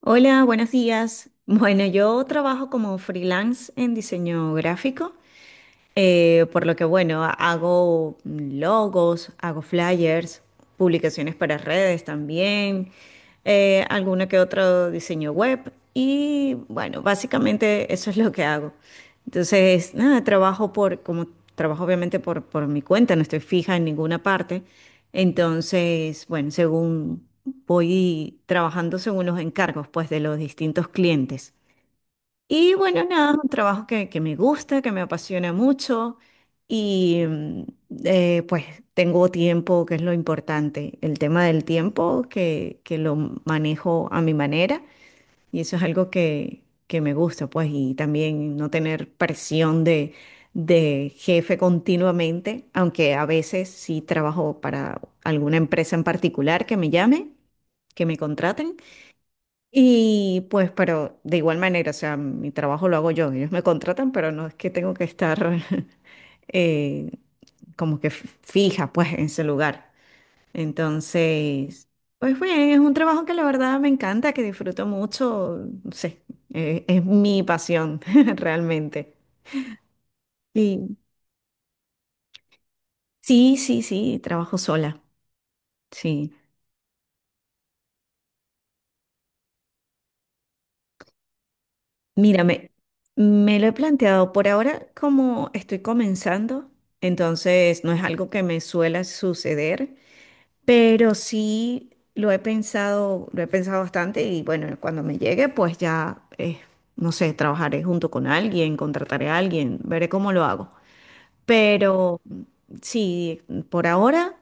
Hola, buenos días. Bueno, yo trabajo como freelance en diseño gráfico, por lo que bueno, hago logos, hago flyers, publicaciones para redes también, alguna que otro diseño web y bueno, básicamente eso es lo que hago. Entonces, nada, trabajo obviamente por mi cuenta, no estoy fija en ninguna parte, entonces, bueno, según voy trabajando según los encargos, pues, de los distintos clientes. Y bueno, nada, es un trabajo que me gusta, que me apasiona mucho y pues tengo tiempo, que es lo importante. El tema del tiempo, que lo manejo a mi manera. Y eso es algo que me gusta, pues, y también no tener presión de jefe continuamente, aunque a veces sí trabajo para alguna empresa en particular que me llame, que me contraten. Y pues, pero de igual manera, o sea, mi trabajo lo hago yo, ellos me contratan, pero no es que tengo que estar eh, como que fija, pues, en ese lugar. Entonces, pues bien, es un trabajo que la verdad me encanta, que disfruto mucho, no sé, es mi pasión realmente. Sí, sí, sí, sí, trabajo sola, sí. Mírame, me lo he planteado por ahora como estoy comenzando, entonces no es algo que me suele suceder. Pero sí lo he pensado bastante y bueno, cuando me llegue, pues ya, no sé, trabajaré junto con alguien, contrataré a alguien, veré cómo lo hago. Pero sí, por ahora,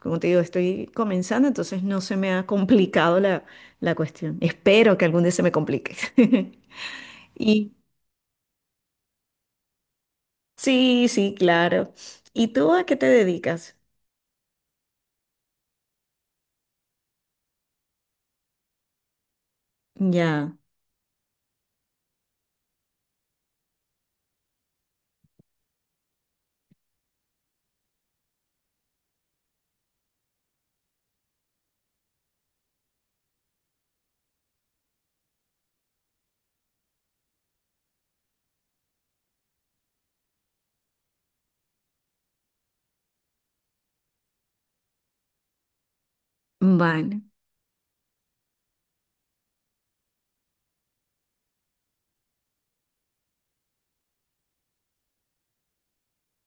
como te digo, estoy comenzando, entonces no se me ha complicado la cuestión. Espero que algún día se me complique. Y sí, sí, claro. ¿Y tú a qué te dedicas? Ya, vale.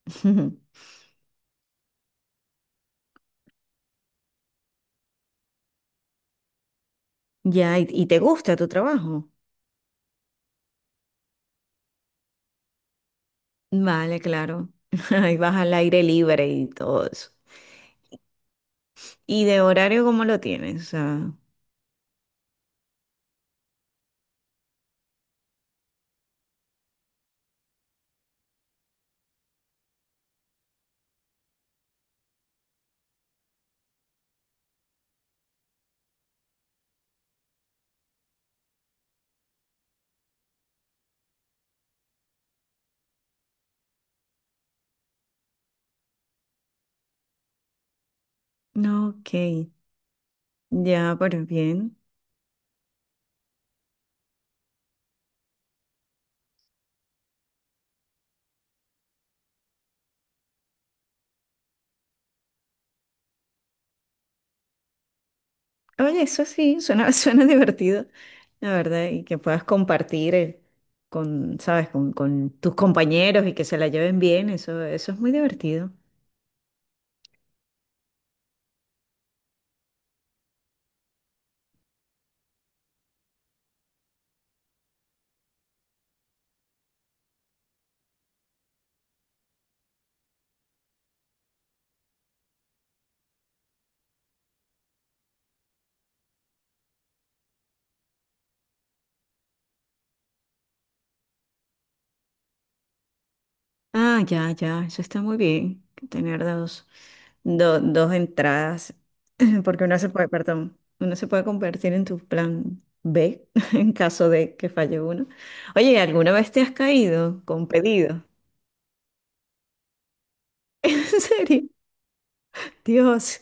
Ya, ¿y y te gusta tu trabajo? Vale, claro. Ahí vas al aire libre y todo eso. ¿Y de horario cómo lo tienes? Ah, no, ok, ya, pero bien. Oye, eso sí, suena, suena divertido, la verdad, y que puedas compartir con, ¿sabes? Con tus compañeros y que se la lleven bien, eso es muy divertido. Ah, ya, ya, eso está muy bien, que tener dos, dos entradas, porque uno se puede, perdón, uno se puede convertir en tu plan B en caso de que falle uno. Oye, ¿alguna vez te has caído con pedido? ¿En serio? Dios,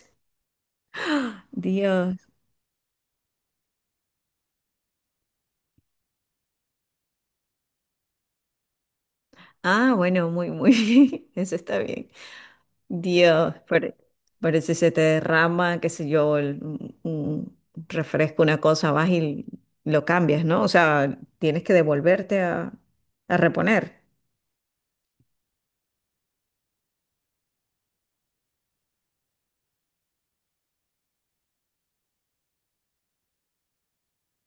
Dios. Ah, bueno, muy, muy bien, eso está bien. Dios, parece se te derrama, qué sé yo, un refresco, una cosa, vas y lo cambias, ¿no? O sea, tienes que devolverte a reponer.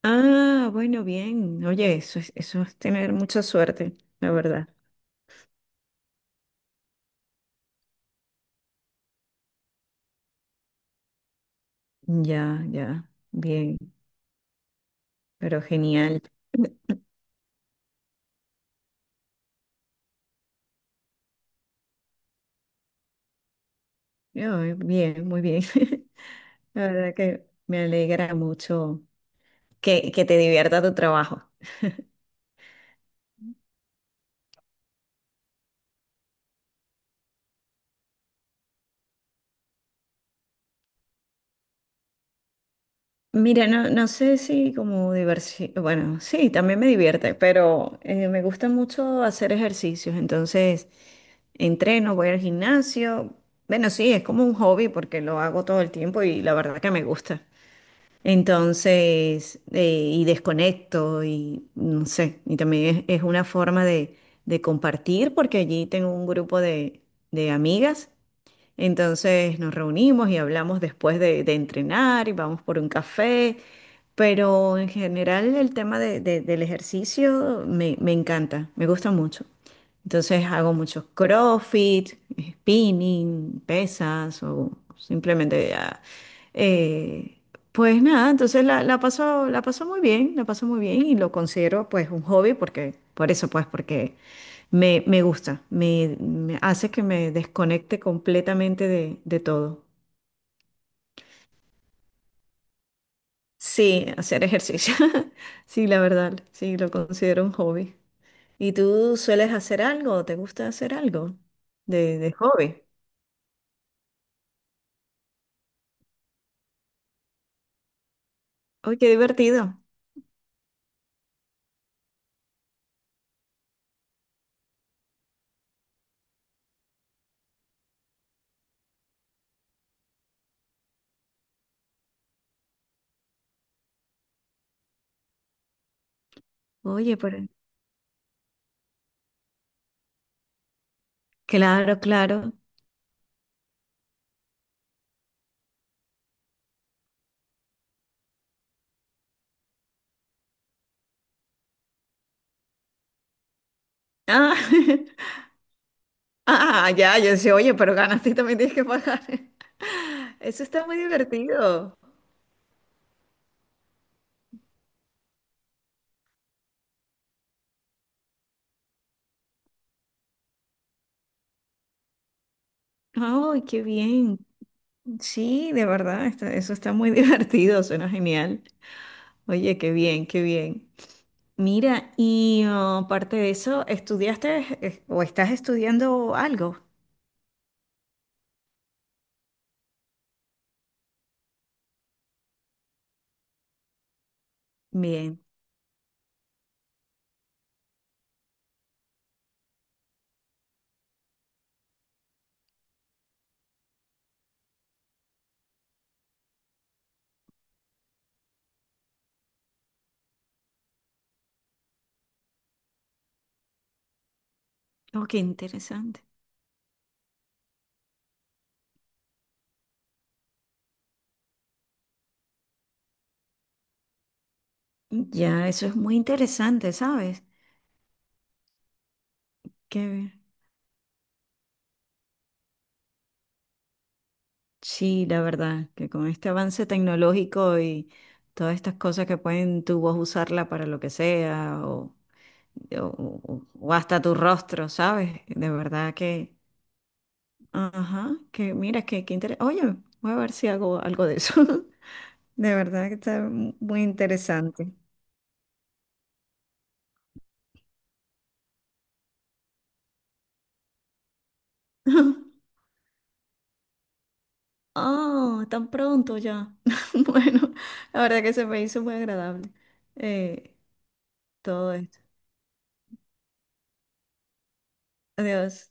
Ah, bueno, bien. Oye, eso es tener mucha suerte, la verdad. Ya, ya, bien, pero genial. Ay, bien, muy bien. La verdad que me alegra mucho que te divierta tu trabajo. Mira, no, no sé si como diversión, bueno, sí, también me divierte, pero me gusta mucho hacer ejercicios, entonces entreno, voy al gimnasio, bueno, sí, es como un hobby porque lo hago todo el tiempo y la verdad que me gusta. Entonces, y desconecto y no sé, y también es una forma de compartir porque allí tengo un grupo de amigas, entonces nos reunimos y hablamos después de entrenar y vamos por un café, pero en general el tema del ejercicio me, me encanta, me gusta mucho. Entonces hago muchos CrossFit, spinning, pesas o simplemente eh, pues nada, entonces la paso muy bien, la paso muy bien y lo considero pues un hobby porque, por eso pues, porque me gusta, me hace que me desconecte completamente de todo. Sí, hacer ejercicio. Sí, la verdad, sí, lo considero un hobby. ¿Y tú sueles hacer algo? ¿Te gusta hacer algo de hobby? Oye, qué divertido. Oye, pero... Claro, claro. Ah, ah, ya, yo decía, oye, pero ganas, tú también tienes que pagar. Eso está muy divertido. Ay, qué bien. Sí, de verdad, está- eso está muy divertido, suena genial. Oye, qué bien, qué bien. Mira, y oh, aparte de eso, ¿estudiaste o estás estudiando algo? Bien. Oh, qué interesante. Ya, eso es muy interesante, ¿sabes? Qué bien. Sí, la verdad, que con este avance tecnológico y todas estas cosas que pueden tu voz usarla para lo que sea o, o- o- hasta tu rostro, ¿sabes? De verdad que, ajá, que mira, que interesante. Oye, voy a ver si hago algo de eso. De verdad que está muy interesante. Ah, tan pronto ya. Bueno, la verdad que se me hizo muy agradable eh, todo esto. Adiós.